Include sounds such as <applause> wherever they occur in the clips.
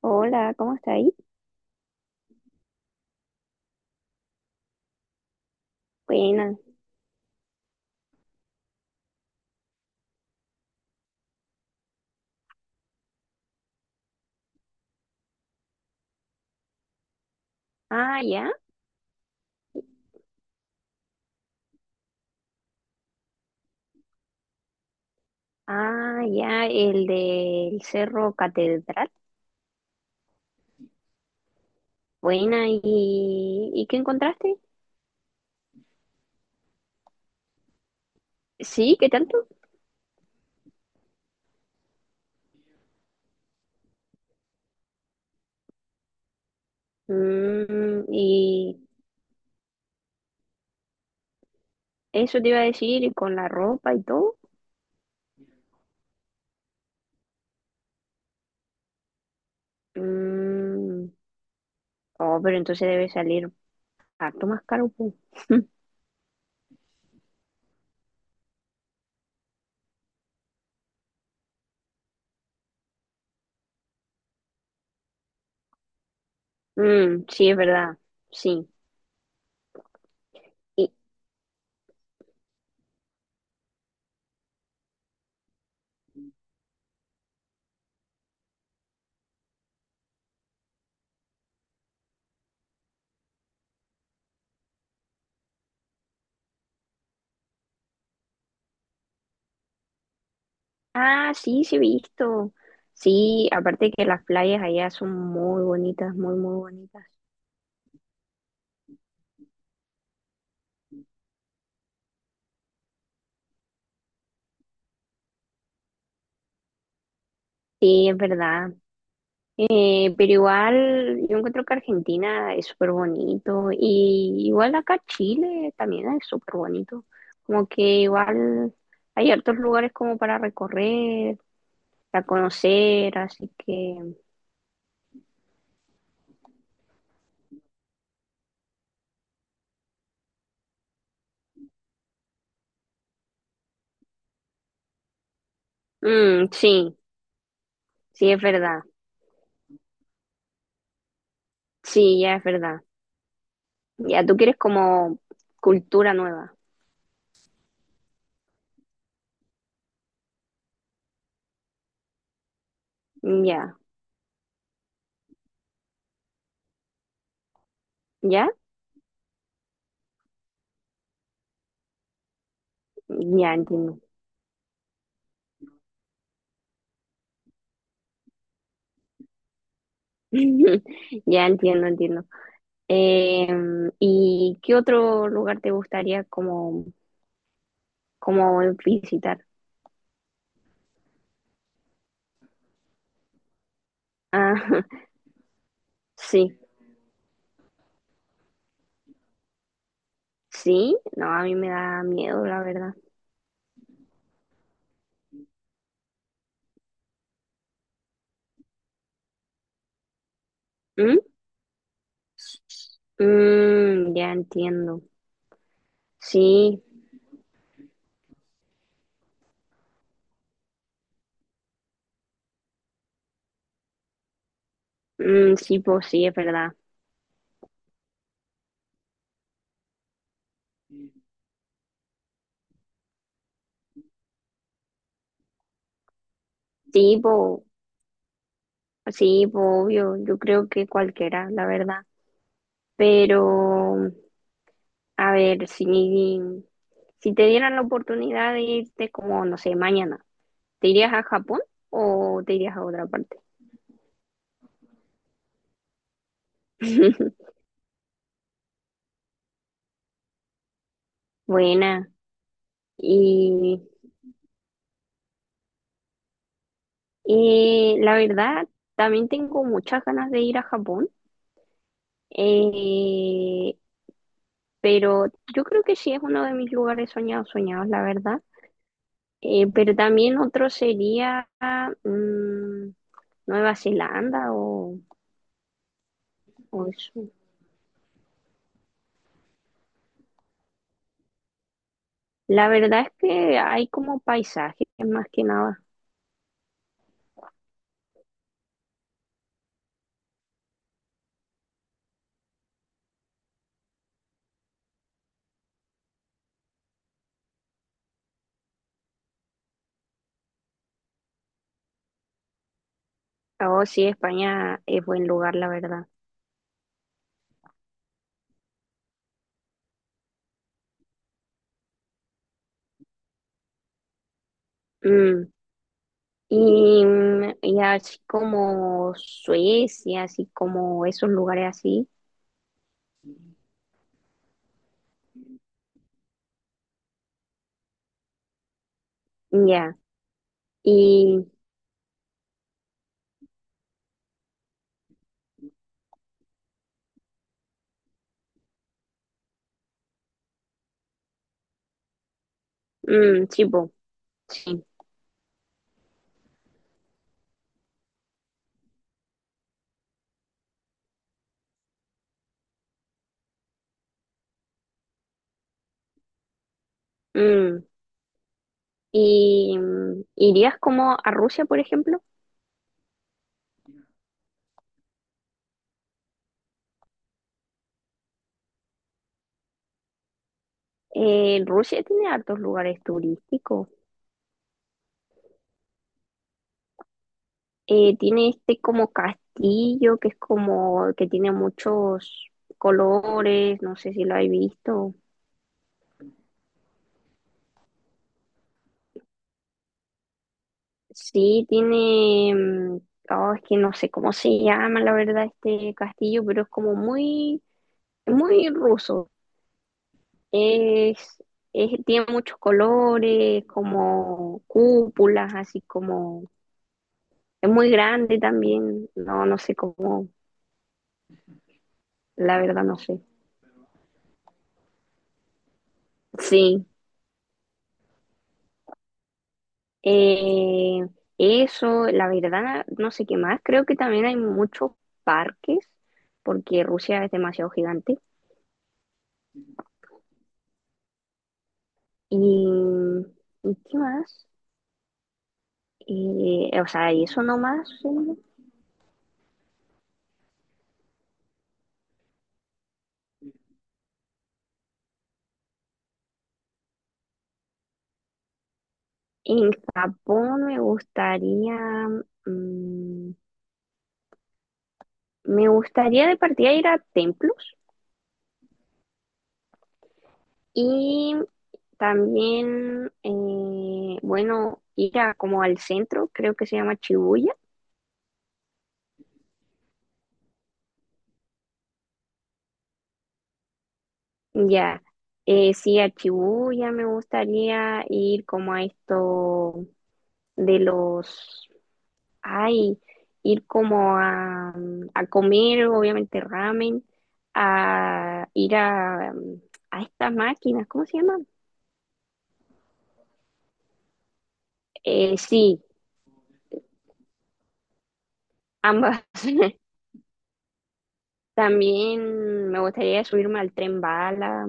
Hola, ¿cómo está ahí? Buena. Ah, ya. Ah, ya, el del Cerro Catedral. Buena. ¿Y, qué encontraste? Sí, ¿qué tanto? Mm, y eso te iba a decir, y con la ropa y todo. Mm, oh, pero entonces debe salir harto más caro, pues. Mm, sí, es verdad. Sí. Y, ah, sí, sí he visto. Sí, aparte que las playas allá son muy bonitas, muy, muy bonitas. Sí, es verdad. Pero igual yo encuentro que Argentina es súper bonito y igual acá Chile también es súper bonito. Como que igual hay hartos lugares como para recorrer, para conocer, así que mm, sí, sí es verdad, sí, ya es verdad. Ya tú quieres como cultura nueva, ya, ya, ya entiendo. <laughs> Ya entiendo, entiendo. ¿Y qué otro lugar te gustaría como como visitar? Ah, <laughs> sí, sí, no, a mí me da miedo, la verdad. ¿Mm? Mm, ya entiendo. Sí, mm, sí, pues sí, es verdad. Sí, po, sí, po, obvio, yo creo que cualquiera, la verdad. Pero, a ver, si, si te dieran la oportunidad de irte como, no sé, mañana, ¿te irías a Japón o te irías a otra parte? <laughs> Buena. Y la verdad, también tengo muchas ganas de ir a Japón, eh, pero yo creo que sí es uno de mis lugares soñados, soñados, la verdad. Pero también otro sería mm, Nueva Zelanda o eso. La verdad es que hay como paisajes más que nada. Oh, sí, España es buen lugar, la verdad. Mm, y, mm, y así como Suecia, así como esos lugares así. Ya. Y, mm, sí, po, sí. Mm. ¿Y mm, irías como a Rusia, por ejemplo? Rusia tiene hartos lugares turísticos. Tiene este como castillo que es como que tiene muchos colores, no sé si lo habéis visto. Sí, tiene, mm, oh, es que no sé cómo se llama la verdad este castillo, pero es como muy, muy ruso. Es, tiene muchos colores, como cúpulas, así como, es muy grande también, no, no sé cómo, la verdad no sé. Sí, eh, eso, la verdad no sé qué más, creo que también hay muchos parques, porque Rusia es demasiado gigante. ¿Y, ¿Y qué más? O sea, y eso nomás, eh. En Japón me gustaría... mm, me gustaría de partida ir a templos y también, bueno, ir a, como al centro, creo que se llama Shibuya. Ya, sí, a Shibuya me gustaría ir como a esto de los, ay, ir como a comer, obviamente ramen, a ir a estas máquinas, ¿cómo se llaman? Sí, ambas. <laughs> También me gustaría subirme al tren bala.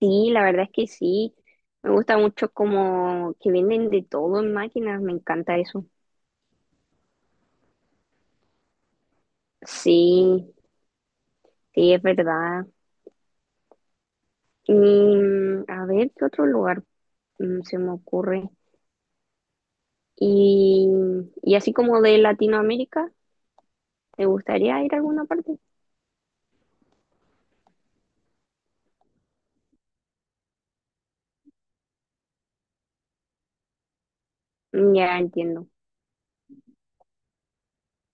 Sí, la verdad es que sí. Me gusta mucho como que venden de todo en máquinas, me encanta eso. Sí, sí, es verdad. Y mm, a ver, ¿qué otro lugar mm, se me ocurre? Y, y así como de Latinoamérica, ¿te gustaría ir a alguna parte? Mm, ya entiendo.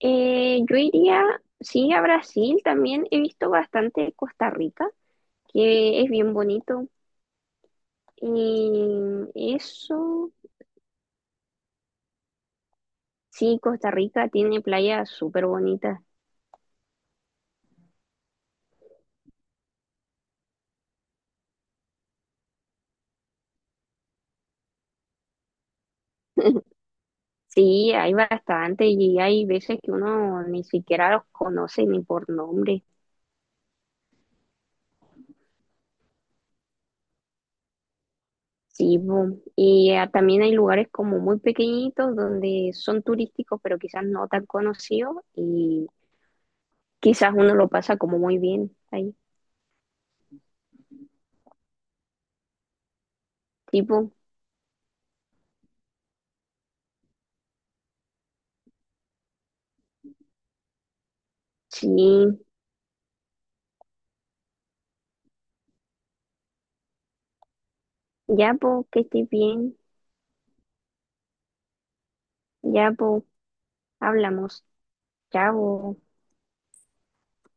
Yo iría, sí, a Brasil también. He visto bastante Costa Rica, que es bien bonito. Y eso, sí, Costa Rica tiene playas súper bonitas. <laughs> Sí, hay bastante y hay veces que uno ni siquiera los conoce ni por nombre. Sí, bu, y ah, también hay lugares como muy pequeñitos donde son turísticos, pero quizás no tan conocidos y quizás uno lo pasa como muy bien ahí. Tipo, sí, bu. Sí. Ya, pues, que estés bien, ya, pues, hablamos, chao.